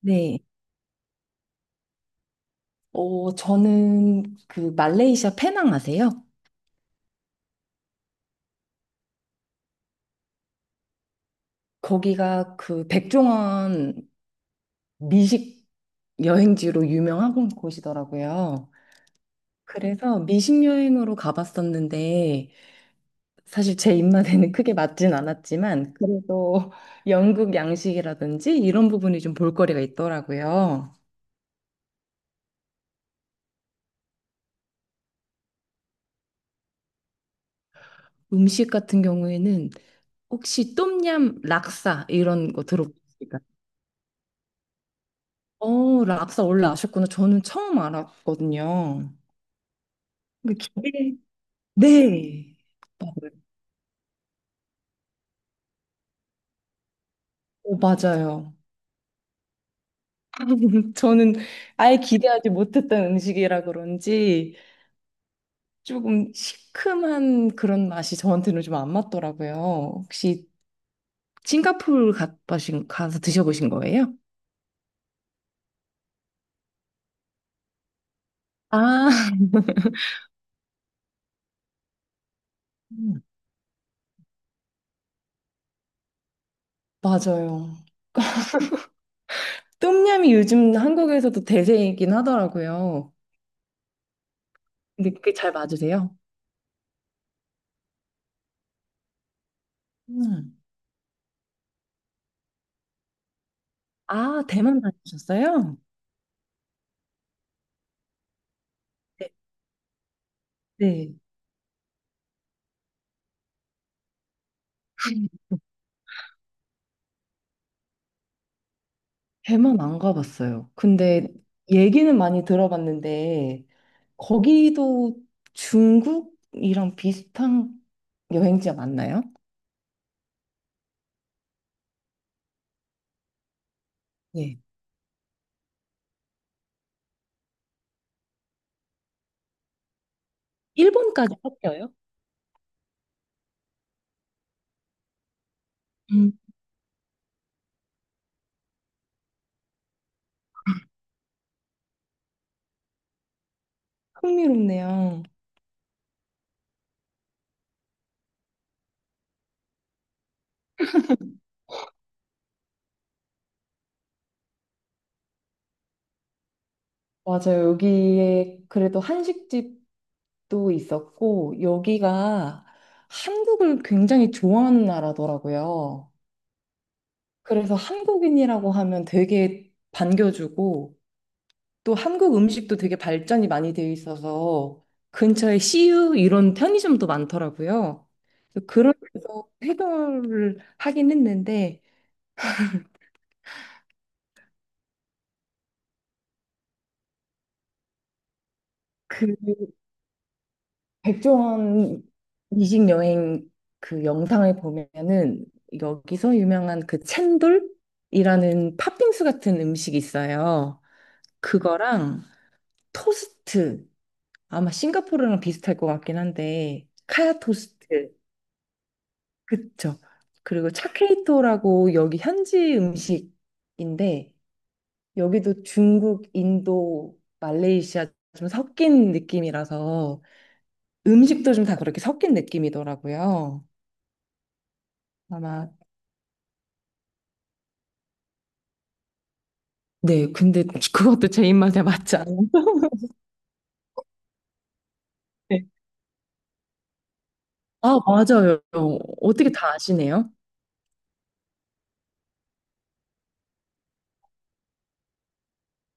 네. 저는 그 말레이시아 페낭 아세요? 거기가 그 백종원 미식 여행지로 유명한 곳이더라고요. 그래서 미식 여행으로 가봤었는데 사실 제 입맛에는 크게 맞진 않았지만 그래도 영국 양식이라든지 이런 부분이 좀 볼거리가 있더라고요. 음식 같은 경우에는 혹시 똠얌 락사 이런 거 들어보셨어요? 락사 원래 아셨구나. 저는 처음 알았거든요. 그 기대, 네. 맞아요. 저는 아예 기대하지 못했던 음식이라 그런지 조금 시큼한 그런 맛이 저한테는 좀 안 맞더라고요. 혹시 싱가포르 가보신, 가서 드셔보신 거예요? 아, 음, 맞아요. 똠얌이 요즘 한국에서도 대세이긴 하더라고요. 근데 그게 잘 맞으세요? 음. 아, 대만 다니셨어요? 네. 대만 안 가봤어요. 근데 얘기는 많이 들어봤는데 거기도 중국이랑 비슷한 여행지가 맞나요? 네. 일본까지 섞여요? 음. 흥미롭네요. 맞아요. 여기에 그래도 한식집도 있었고 여기가 한국을 굉장히 좋아하는 나라더라고요. 그래서 한국인이라고 하면 되게 반겨주고 또 한국 음식도 되게 발전이 많이 되어 있어서 근처에 CU 이런 편의점도 많더라고요. 그래서 그런 데서 해결을 하긴 했는데 그 백종원 이식 여행 그 영상을 보면은 여기서 유명한 그 챈돌이라는 팥빙수 같은 음식이 있어요. 그거랑 토스트 아마 싱가포르랑 비슷할 것 같긴 한데 카야 토스트. 그쵸. 그리고 차케이토라고 여기 현지 음식인데 여기도 중국, 인도, 말레이시아 좀 섞인 느낌이라서 음식도 좀 다 그렇게 섞인 느낌이더라고요. 아마 네, 근데 그것도 제 입맛에 맞지 않아요. 네. 아, 맞아요. 어떻게 다 아시네요?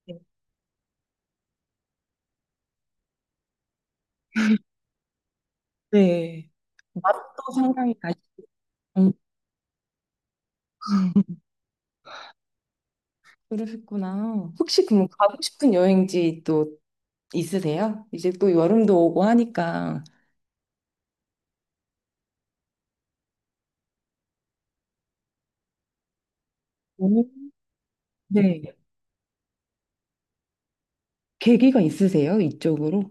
네. 네. 맛도 상당히 맛있고. 음, 그러셨구나. 혹시 그럼 가고 싶은 여행지 또 있으세요? 이제 또 여름도 오고 하니까. 오, 네. 계기가 있으세요? 이쪽으로?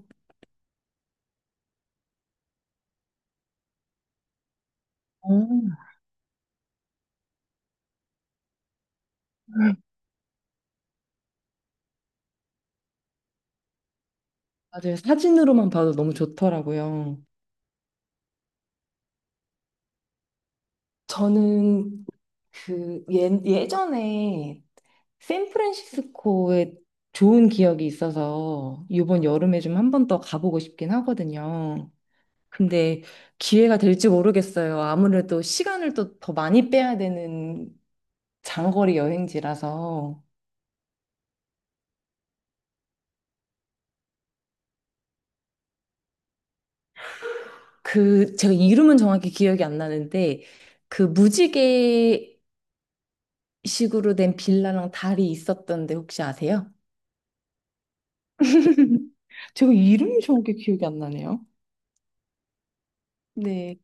오. 맞아요. 사진으로만 봐도 너무 좋더라고요. 저는 그 예전에 샌프란시스코에 좋은 기억이 있어서 이번 여름에 좀 한번 더 가보고 싶긴 하거든요. 근데 기회가 될지 모르겠어요. 아무래도 시간을 또 더 많이 빼야 되는 장거리 여행지라서. 그 제가 이름은 정확히 기억이 안 나는데 그 무지개 식으로 된 빌라랑 달이 있었던데 혹시 아세요? 제가 이름이 정확히 기억이 안 나네요. 네.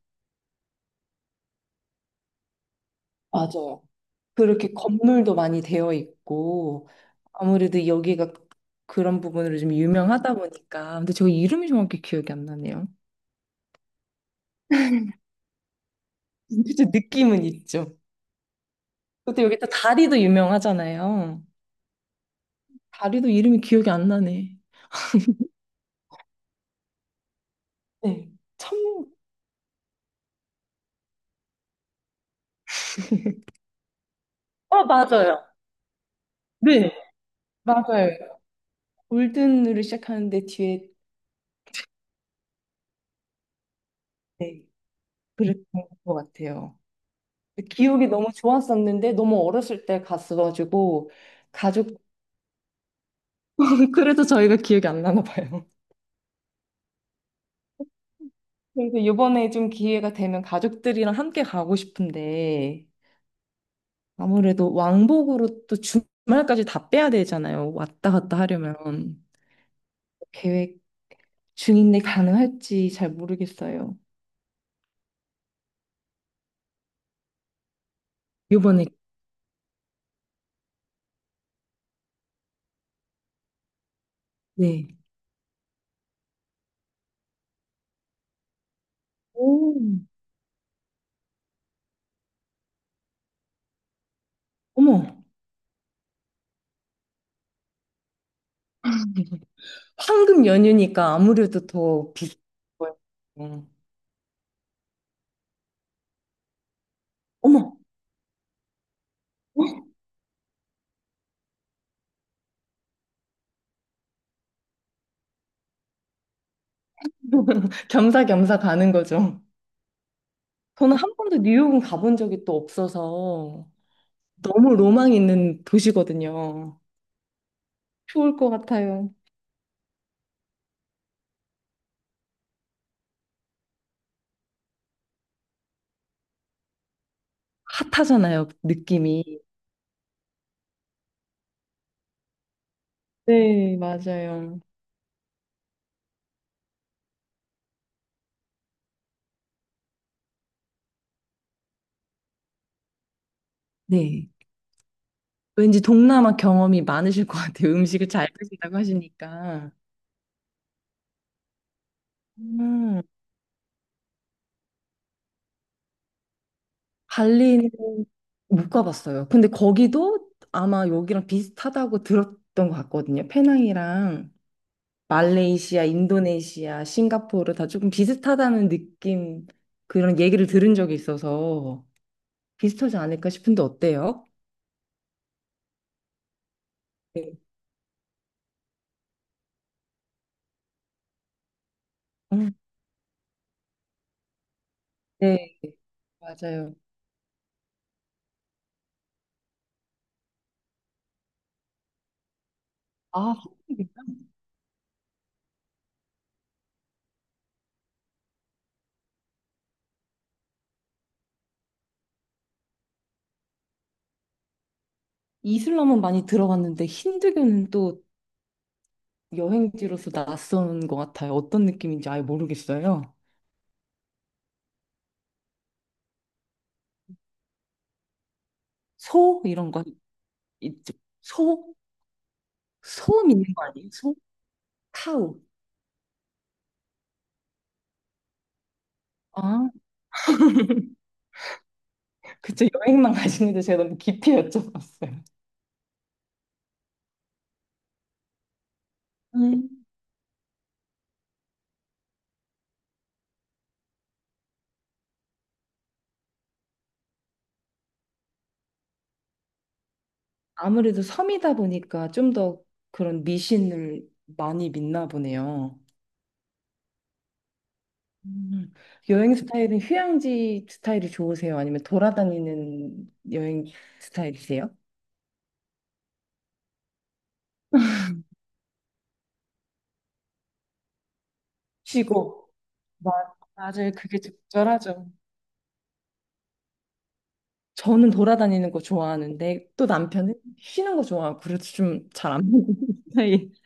맞아요. 그렇게 건물도 많이 되어 있고, 아무래도 여기가 그런 부분으로 좀 유명하다 보니까. 근데 저 이름이 정확히 기억이 안 나네요. 그짜 느낌은 있죠. 근데 여기 또 다리도 유명하잖아요. 다리도 이름이 기억이 안 나네. 네. 참, 맞아요. 네. 맞아요. 골든으로 시작하는데 뒤에. 네. 그랬던 것 같아요. 기억이 너무 좋았었는데 너무 어렸을 때 갔어가지고 가족 그래서 저희가 기억이 안 나나 봐요. 그래서 이번에 좀 기회가 되면 가족들이랑 함께 가고 싶은데 아무래도 왕복으로 또 주말까지 다 빼야 되잖아요. 왔다 갔다 하려면 계획 중인데 가능할지 잘 모르겠어요. 이번에. 네. 오. 어머. 황금 연휴니까 아무래도 더 비쌀 거예요. 어머. 겸사겸사 가는 거죠. 저는 한 번도 뉴욕은 가본 적이 또 없어서 너무 로망 있는 도시거든요. 좋을 것 같아요. 핫하잖아요, 느낌이. 네, 맞아요. 네. 왠지 동남아 경험이 많으실 것 같아요. 음식을 잘 드신다고 하시니까. 음, 발리는 못 가봤어요. 근데 거기도 아마 여기랑 비슷하다고 들었던 것 같거든요. 페낭이랑. 말레이시아, 인도네시아, 싱가포르 다 조금 비슷하다는 느낌 그런 얘기를 들은 적이 있어서 비슷하지 않을까 싶은데 어때요? 네, 음, 네, 맞아요. 아, 한국인가? 이슬람은 많이 들어봤는데 힌두교는 또 여행지로서 낯선 것 같아요. 어떤 느낌인지 아예 모르겠어요. 소 이런 거 있죠. 소? 소 믿는 거 아니에요? 소? 카우. 아, 그쵸. 여행만 가시는데 제가 너무 깊이 여쭤봤어요. 음. 아무래도 섬이다 보니까 좀 더 그런 미신을 많이 믿나 보네요. 음. 여행 스타일은 휴양지 스타일이 좋으세요? 아니면 돌아다니는 여행 스타일이세요? 쉬고. 마- 맞아요. 그게 적절하죠. 저는 돌아다니는 거 좋아하는데 또 남편은 쉬는 거 좋아하고 그래서 좀 잘 안 맞는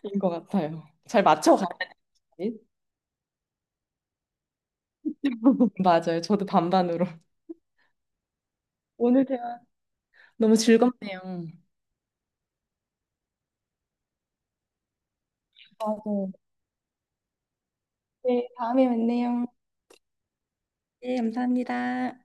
스타일인 것 같아요. 잘 맞춰가야 돼. 맞아요. 저도 반반으로. 오늘 대화 너무 즐겁네요. 맞아요. 네, 다음에 뵙네요. 네, 감사합니다.